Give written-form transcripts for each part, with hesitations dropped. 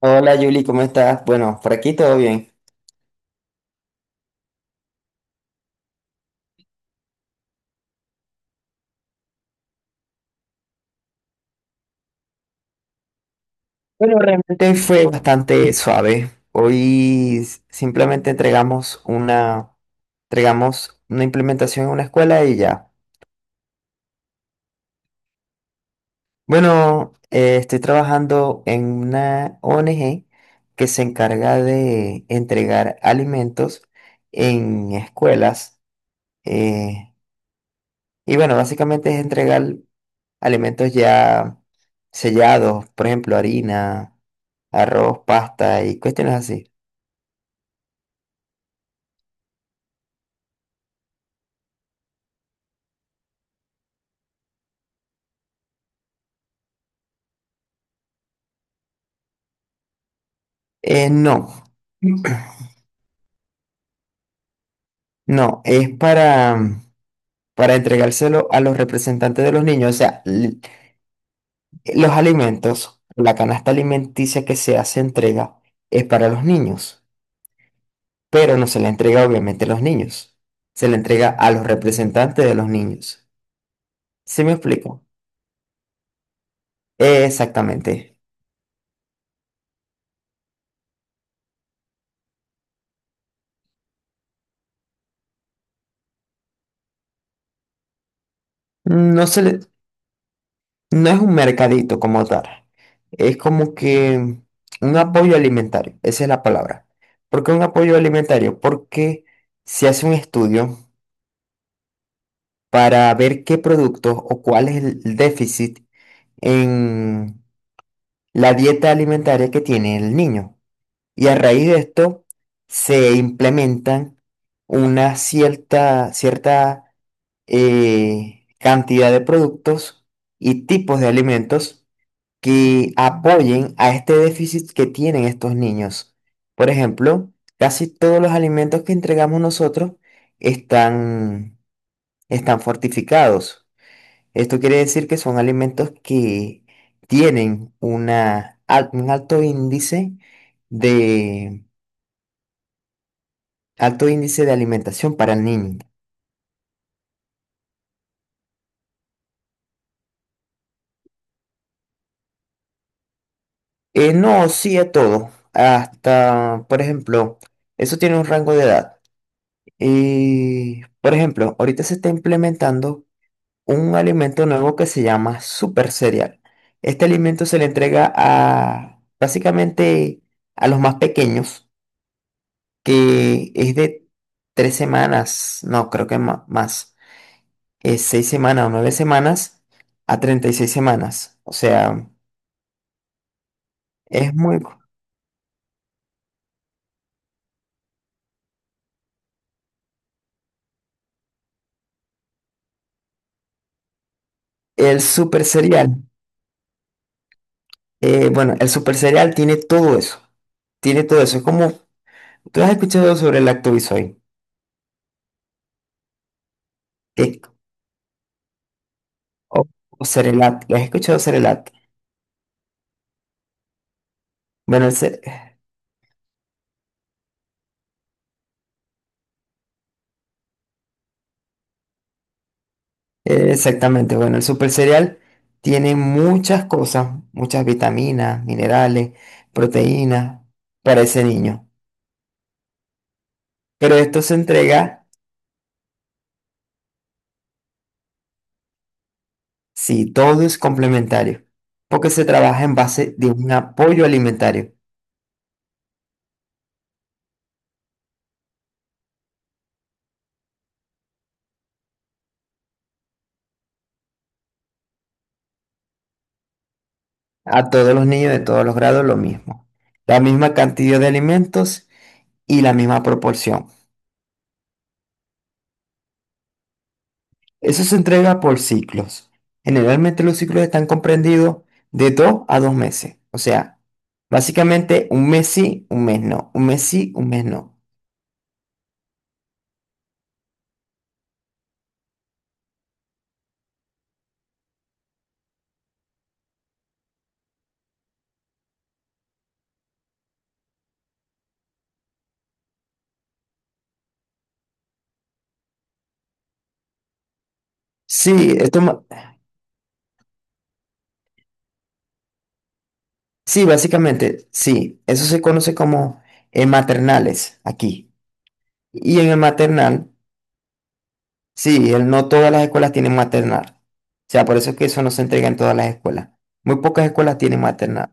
Hola Julie, ¿cómo estás? Bueno, por aquí todo bien. Bueno, realmente hoy fue bastante suave. Hoy simplemente entregamos una implementación en una escuela y ya. Bueno, estoy trabajando en una ONG que se encarga de entregar alimentos en escuelas. eh, y bueno, básicamente es entregar alimentos ya sellados, por ejemplo, harina, arroz, pasta y cuestiones así. No, no, es para, para entregárselo a los representantes de los niños, o sea, los alimentos, la canasta alimenticia que se hace entrega es para los niños, pero no se la entrega obviamente a los niños, se la entrega a los representantes de los niños. ¿Sí me explico? Exactamente. No se le, No es un mercadito como tal. Es como que un apoyo alimentario. Esa es la palabra. ¿Por qué un apoyo alimentario? Porque se hace un estudio para ver qué productos o cuál es el déficit en la dieta alimentaria que tiene el niño. Y a raíz de esto se implementan una cierta cantidad de productos y tipos de alimentos que apoyen a este déficit que tienen estos niños. Por ejemplo, casi todos los alimentos que entregamos nosotros están, están fortificados. Esto quiere decir que son alimentos que tienen un de, alto índice de alimentación para el niño. No, sí a todo. Hasta, por ejemplo, eso tiene un rango de edad. Y, por ejemplo, ahorita se está implementando un alimento nuevo que se llama super cereal. Este alimento se le entrega a básicamente a los más pequeños, que es de 3 semanas, no, creo que más, es 6 semanas o 9 semanas a 36 semanas. O sea, es muy. El super cereal, bueno, el super cereal tiene todo eso. Es como, tú has escuchado sobre el Lactobisoy, que- o, o Cerelac, ¿lo has escuchado Cerelac? Bueno. Exactamente, bueno, el super cereal tiene muchas cosas, muchas vitaminas, minerales, proteínas para ese niño. Pero esto se entrega si todo es complementario, porque se trabaja en base de un apoyo alimentario a todos los niños de todos los grados, lo mismo. La misma cantidad de alimentos y la misma proporción. Eso se entrega por ciclos. Generalmente los ciclos están comprendidos de 2 a 2 meses. O sea, básicamente un mes sí, un mes no. Un mes sí, un mes no. Sí, esto, ma- sí, básicamente, sí. Eso se conoce como maternales aquí. Y en el maternal, sí, no todas las escuelas tienen maternal. O sea, por eso es que eso no se entrega en todas las escuelas. Muy pocas escuelas tienen maternal.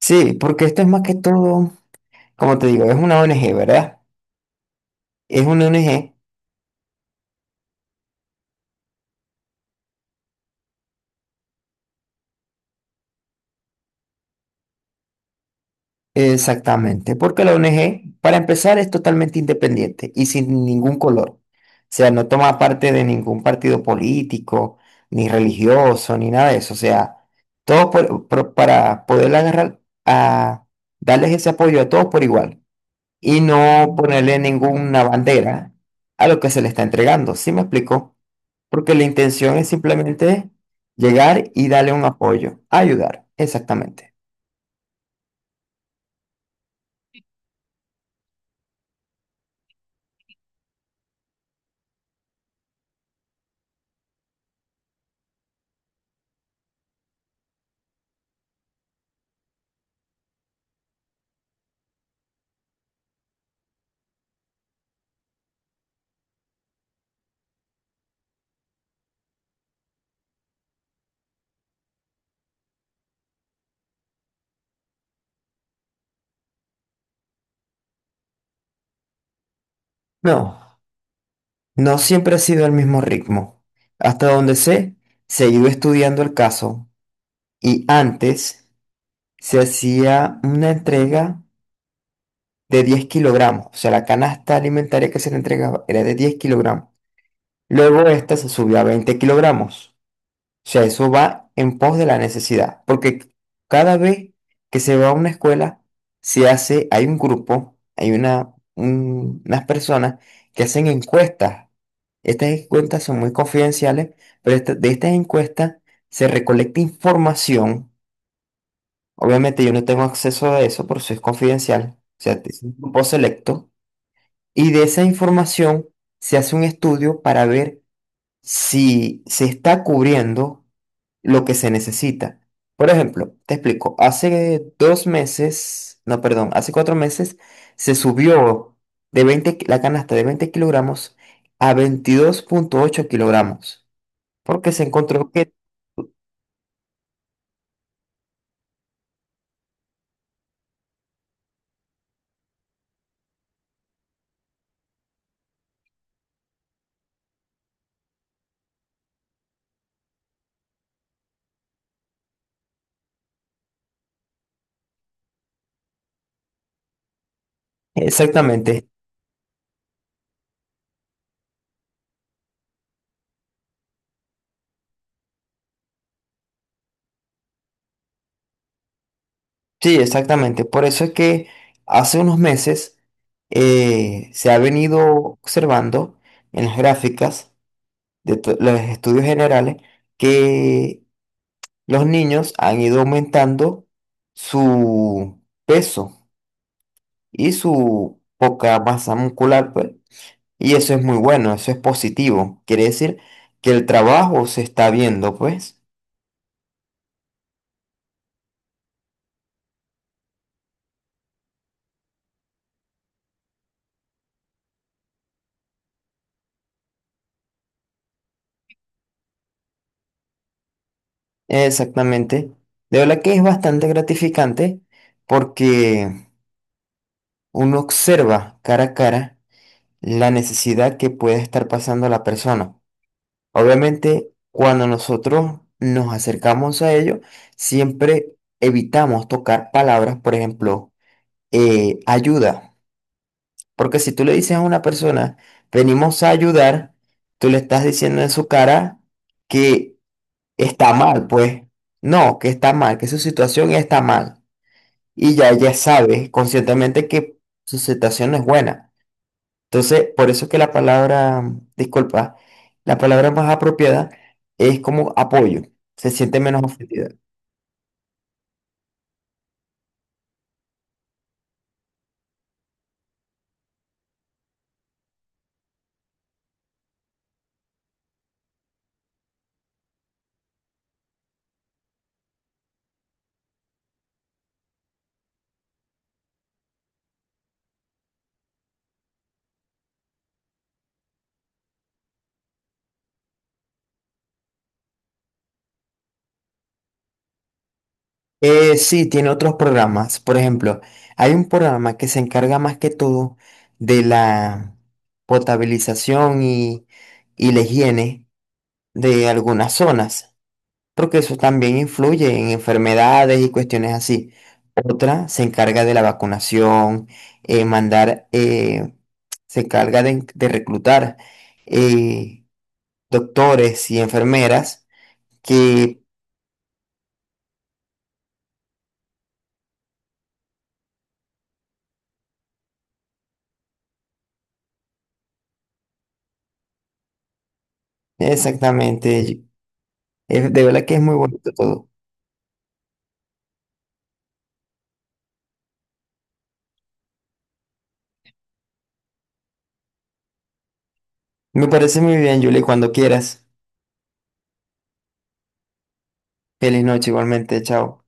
Sí, porque esto es más que todo, como te digo, es una ONG, ¿verdad? Es una ONG. Exactamente, porque la ONG, para empezar, es totalmente independiente y sin ningún color. O sea, no toma parte de ningún partido político, ni religioso, ni nada de eso. O sea, todo para poder agarrar a darles ese apoyo a todos por igual y no ponerle ninguna bandera a lo que se le está entregando. ¿Sí me explico? Porque la intención es simplemente llegar y darle un apoyo, ayudar, exactamente. No. No siempre ha sido el mismo ritmo. Hasta donde sé, se ha ido estudiando el caso y antes se hacía una entrega de 10 kilogramos. O sea, la canasta alimentaria que se le entregaba era de 10 kilogramos. Luego esta se subió a 20 kilogramos. O sea, eso va en pos de la necesidad, porque cada vez que se va a una escuela, se hace, hay un grupo, hay unas personas que hacen encuestas. Estas encuestas son muy confidenciales, pero de estas encuestas se recolecta información. Obviamente yo no tengo acceso a eso, por eso es confidencial. O sea, es un grupo selecto. Y de esa información se hace un estudio para ver si se está cubriendo lo que se necesita. Por ejemplo, te explico, hace 2 meses, no, perdón, hace 4 meses se subió de la canasta de 20 kilogramos a 22,8 kilogramos, porque se encontró que, exactamente, sí, exactamente, por eso es que hace unos meses se ha venido observando en las gráficas de los estudios generales que los niños han ido aumentando su peso y su poca masa muscular, pues, y eso es muy bueno, eso es positivo. Quiere decir que el trabajo se está viendo, pues. Exactamente. De verdad que es bastante gratificante porque uno observa cara a cara la necesidad que puede estar pasando la persona. Obviamente, cuando nosotros nos acercamos a ello, siempre evitamos tocar palabras, por ejemplo, ayuda. Porque si tú le dices a una persona, venimos a ayudar, tú le estás diciendo en su cara que está mal, pues. No, que está mal, que su situación está mal. Y ya ella sabe conscientemente que su situación no es buena. Entonces, por eso es que la palabra, disculpa, la palabra más apropiada es como apoyo, se siente menos ofendida. Sí, tiene otros programas. Por ejemplo, hay un programa que se encarga más que todo de la potabilización y la higiene de algunas zonas. Porque eso también influye en enfermedades y cuestiones así. Otra se encarga de la vacunación, eh, mandar, eh, se encarga de, reclutar eh, doctores y enfermeras que exactamente, de verdad que es muy bonito todo. Me parece muy bien, Julie, cuando quieras. Feliz noche igualmente, chao.